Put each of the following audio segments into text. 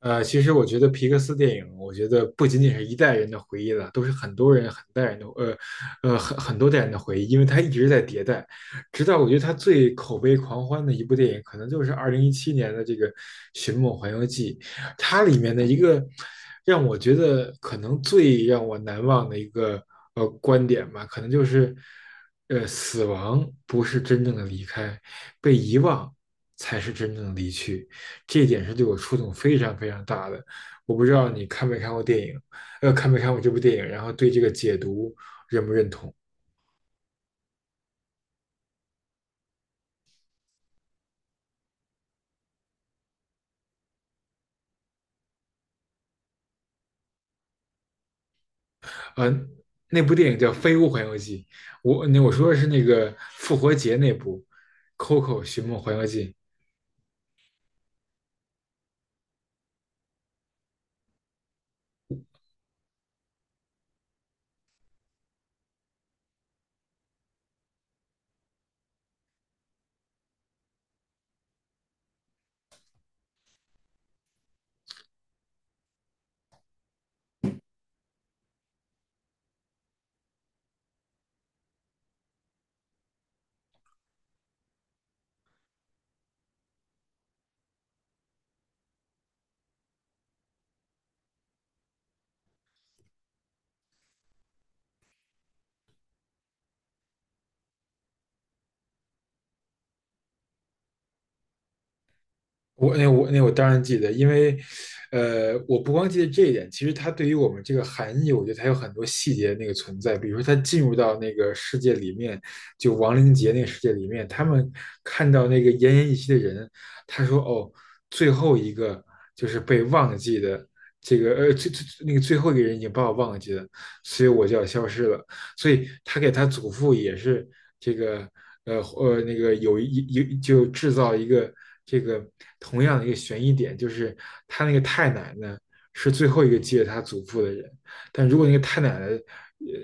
其实我觉得皮克斯电影，我觉得不仅仅是一代人的回忆了，都是很多人、很代人的，很多代人的回忆，因为它一直在迭代，直到我觉得它最口碑狂欢的一部电影，可能就是2017年的这个《寻梦环游记》，它里面的一个让我觉得可能最让我难忘的一个观点吧，可能就是，死亡不是真正的离开，被遗忘才是真正的离去。这一点是对我触动非常非常大的。我不知道你看没看过电影，看没看过这部电影，然后对这个解读认不认同？嗯、那部电影叫《飞屋环游记》，我说的是那个复活节那部《Coco 寻梦环游记》，我当然记得，因为，我不光记得这一点，其实它对于我们这个含义，我觉得它有很多细节的那个存在。比如说，他进入到那个世界里面，就亡灵节那个世界里面，他们看到那个奄奄一息的人，他说："哦，最后一个就是被忘记的，这个最那个最后一个人已经把我忘记了，所以我就要消失了。"所以他给他祖父也是这个那个有一有就制造一个这个同样的一个悬疑点，就是他那个太奶奶是最后一个记得他祖父的人，但如果那个太奶奶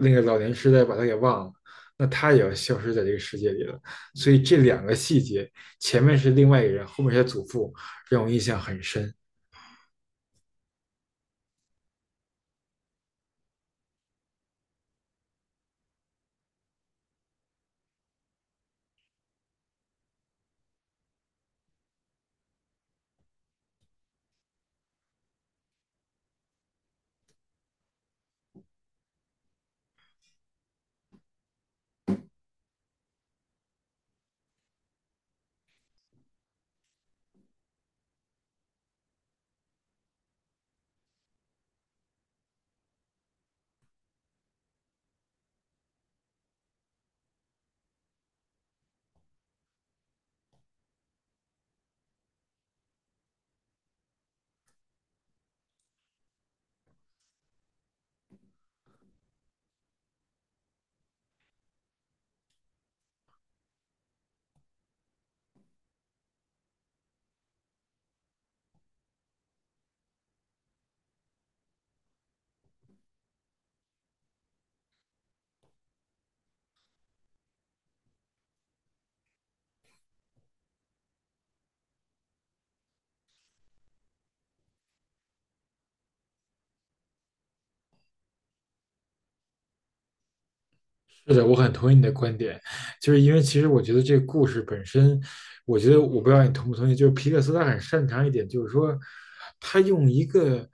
那个老年痴呆把他给忘了。那他也要消失在这个世界里了，所以这两个细节，前面是另外一个人，后面是他祖父，让我印象很深。是的，我很同意你的观点，就是因为其实我觉得这个故事本身，我觉得我不知道你同不同意，就是皮克斯他很擅长一点，就是说他用一个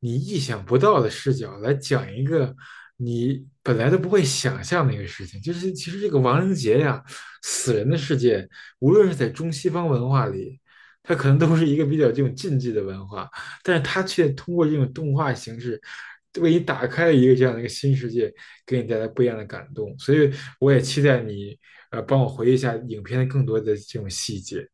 你意想不到的视角来讲一个你本来都不会想象的一个事情，就是其实这个亡灵节呀、死人的世界，无论是在中西方文化里，它可能都是一个比较这种禁忌的文化，但是它却通过这种动画形式，为你打开了一个这样的一个新世界，给你带来不一样的感动。所以我也期待你，帮我回忆一下影片的更多的这种细节。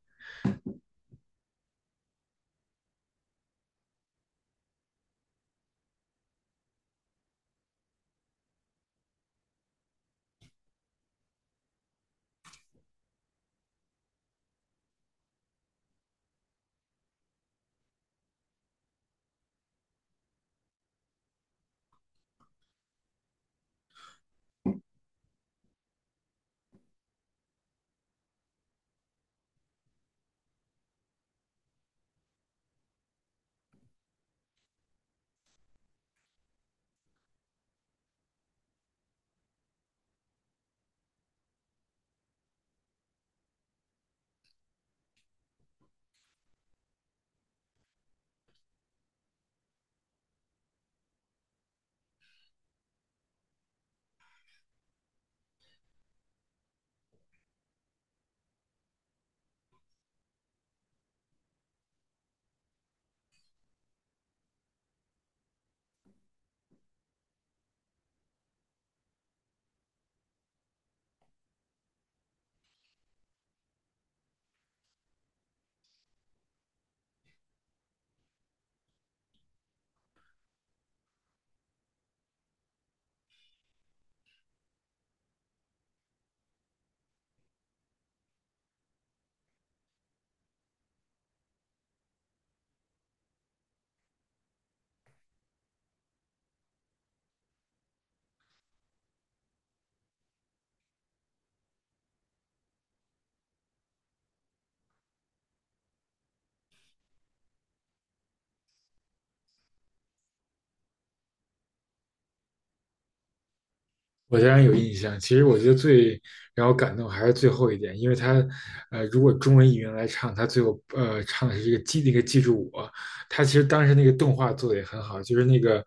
我当然有印象。其实我觉得最让我感动还是最后一点，因为他，如果中文译员来唱，他最后唱的是这个记那个记住我。他其实当时那个动画做的也很好，就是那个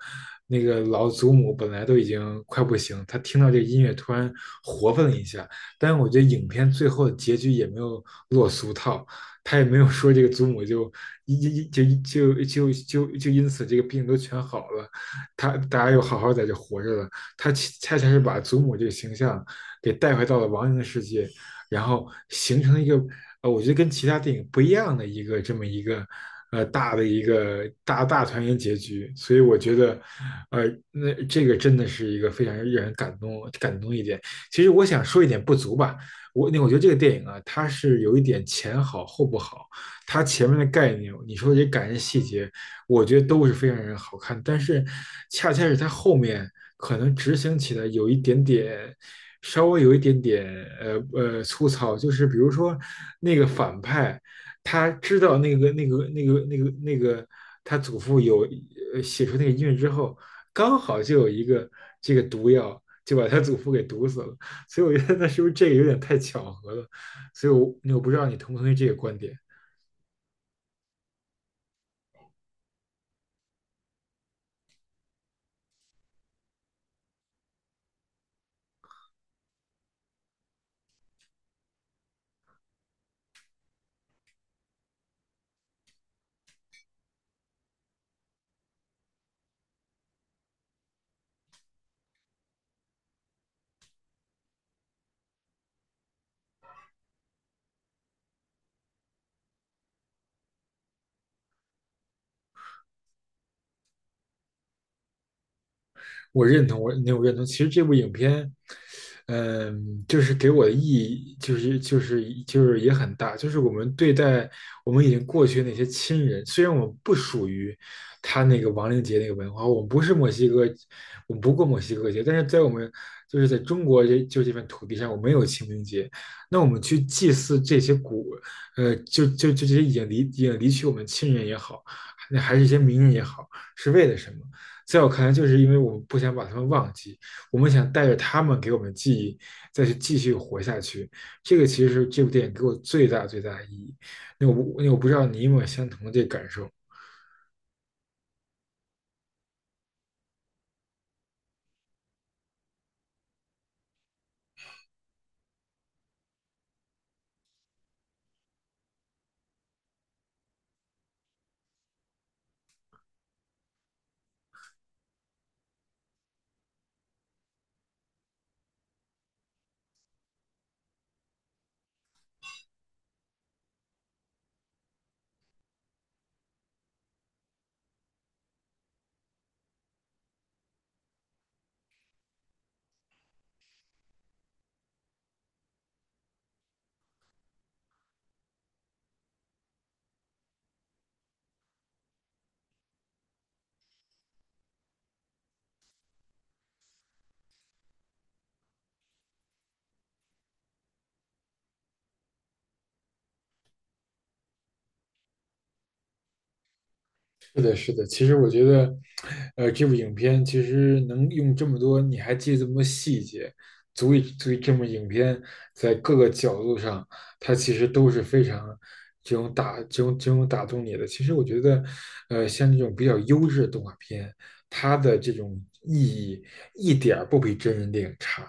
那个老祖母本来都已经快不行，他听到这个音乐突然活泛了一下。但是我觉得影片最后的结局也没有落俗套，他也没有说这个祖母就一就就就就就因此这个病都全好了，他大家又好好在这活着了。他恰恰是把祖母这个形象给带回到了王莹的世界，然后形成一个我觉得跟其他电影不一样的一个这么一个大的一个大团圆结局。所以我觉得，呃，那这个真的是一个非常让人感动一点。其实我想说一点不足吧，我觉得这个电影啊，它是有一点前好后不好，它前面的概念，你说这感人细节。我觉得都是非常让人好看，但是恰恰是它后面可能执行起来有一点点，稍微有一点点粗糙，就是比如说那个反派，他知道那个他祖父有写出那个音乐之后，刚好就有一个这个毒药。就把他祖父给毒死了，所以我觉得那是不是这个有点太巧合了？所以我，我不知道你同不同意这个观点。我认同，我认同。其实这部影片，嗯，就是给我的意义，就是也很大，就是我们对待我们已经过去的那些亲人，虽然我们不属于他那个亡灵节那个文化，我们不是墨西哥，我们不过墨西哥节，但是在我们就是在中国这片土地上，我们有清明节，那我们去祭祀这些古，就就就这些已经离去我们亲人也好，那还是一些名人也好，是为了什么？在我看来，就是因为我们不想把他们忘记，我们想带着他们给我们记忆，再去继续活下去。这个其实是这部电影给我最大的意义。那我那我不知道你有没有相同的这个感受？是的，是的。其实我觉得，这部影片其实能用这么多，你还记得这么多细节，足以证明影片在各个角度上，它其实都是非常这种这种打动你的。其实我觉得，像这种比较优质的动画片，它的这种意义一点儿不比真人电影差，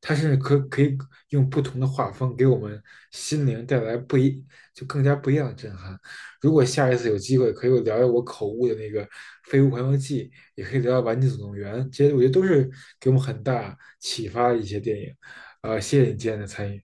它甚至可以用不同的画风给我们心灵带来不一就更加不一样的震撼。如果下一次有机会，可以我聊聊我口误的那个《飞屋环游记》，也可以聊聊《玩具总动员》，这些我觉得都是给我们很大启发的一些电影。谢谢你今天的参与。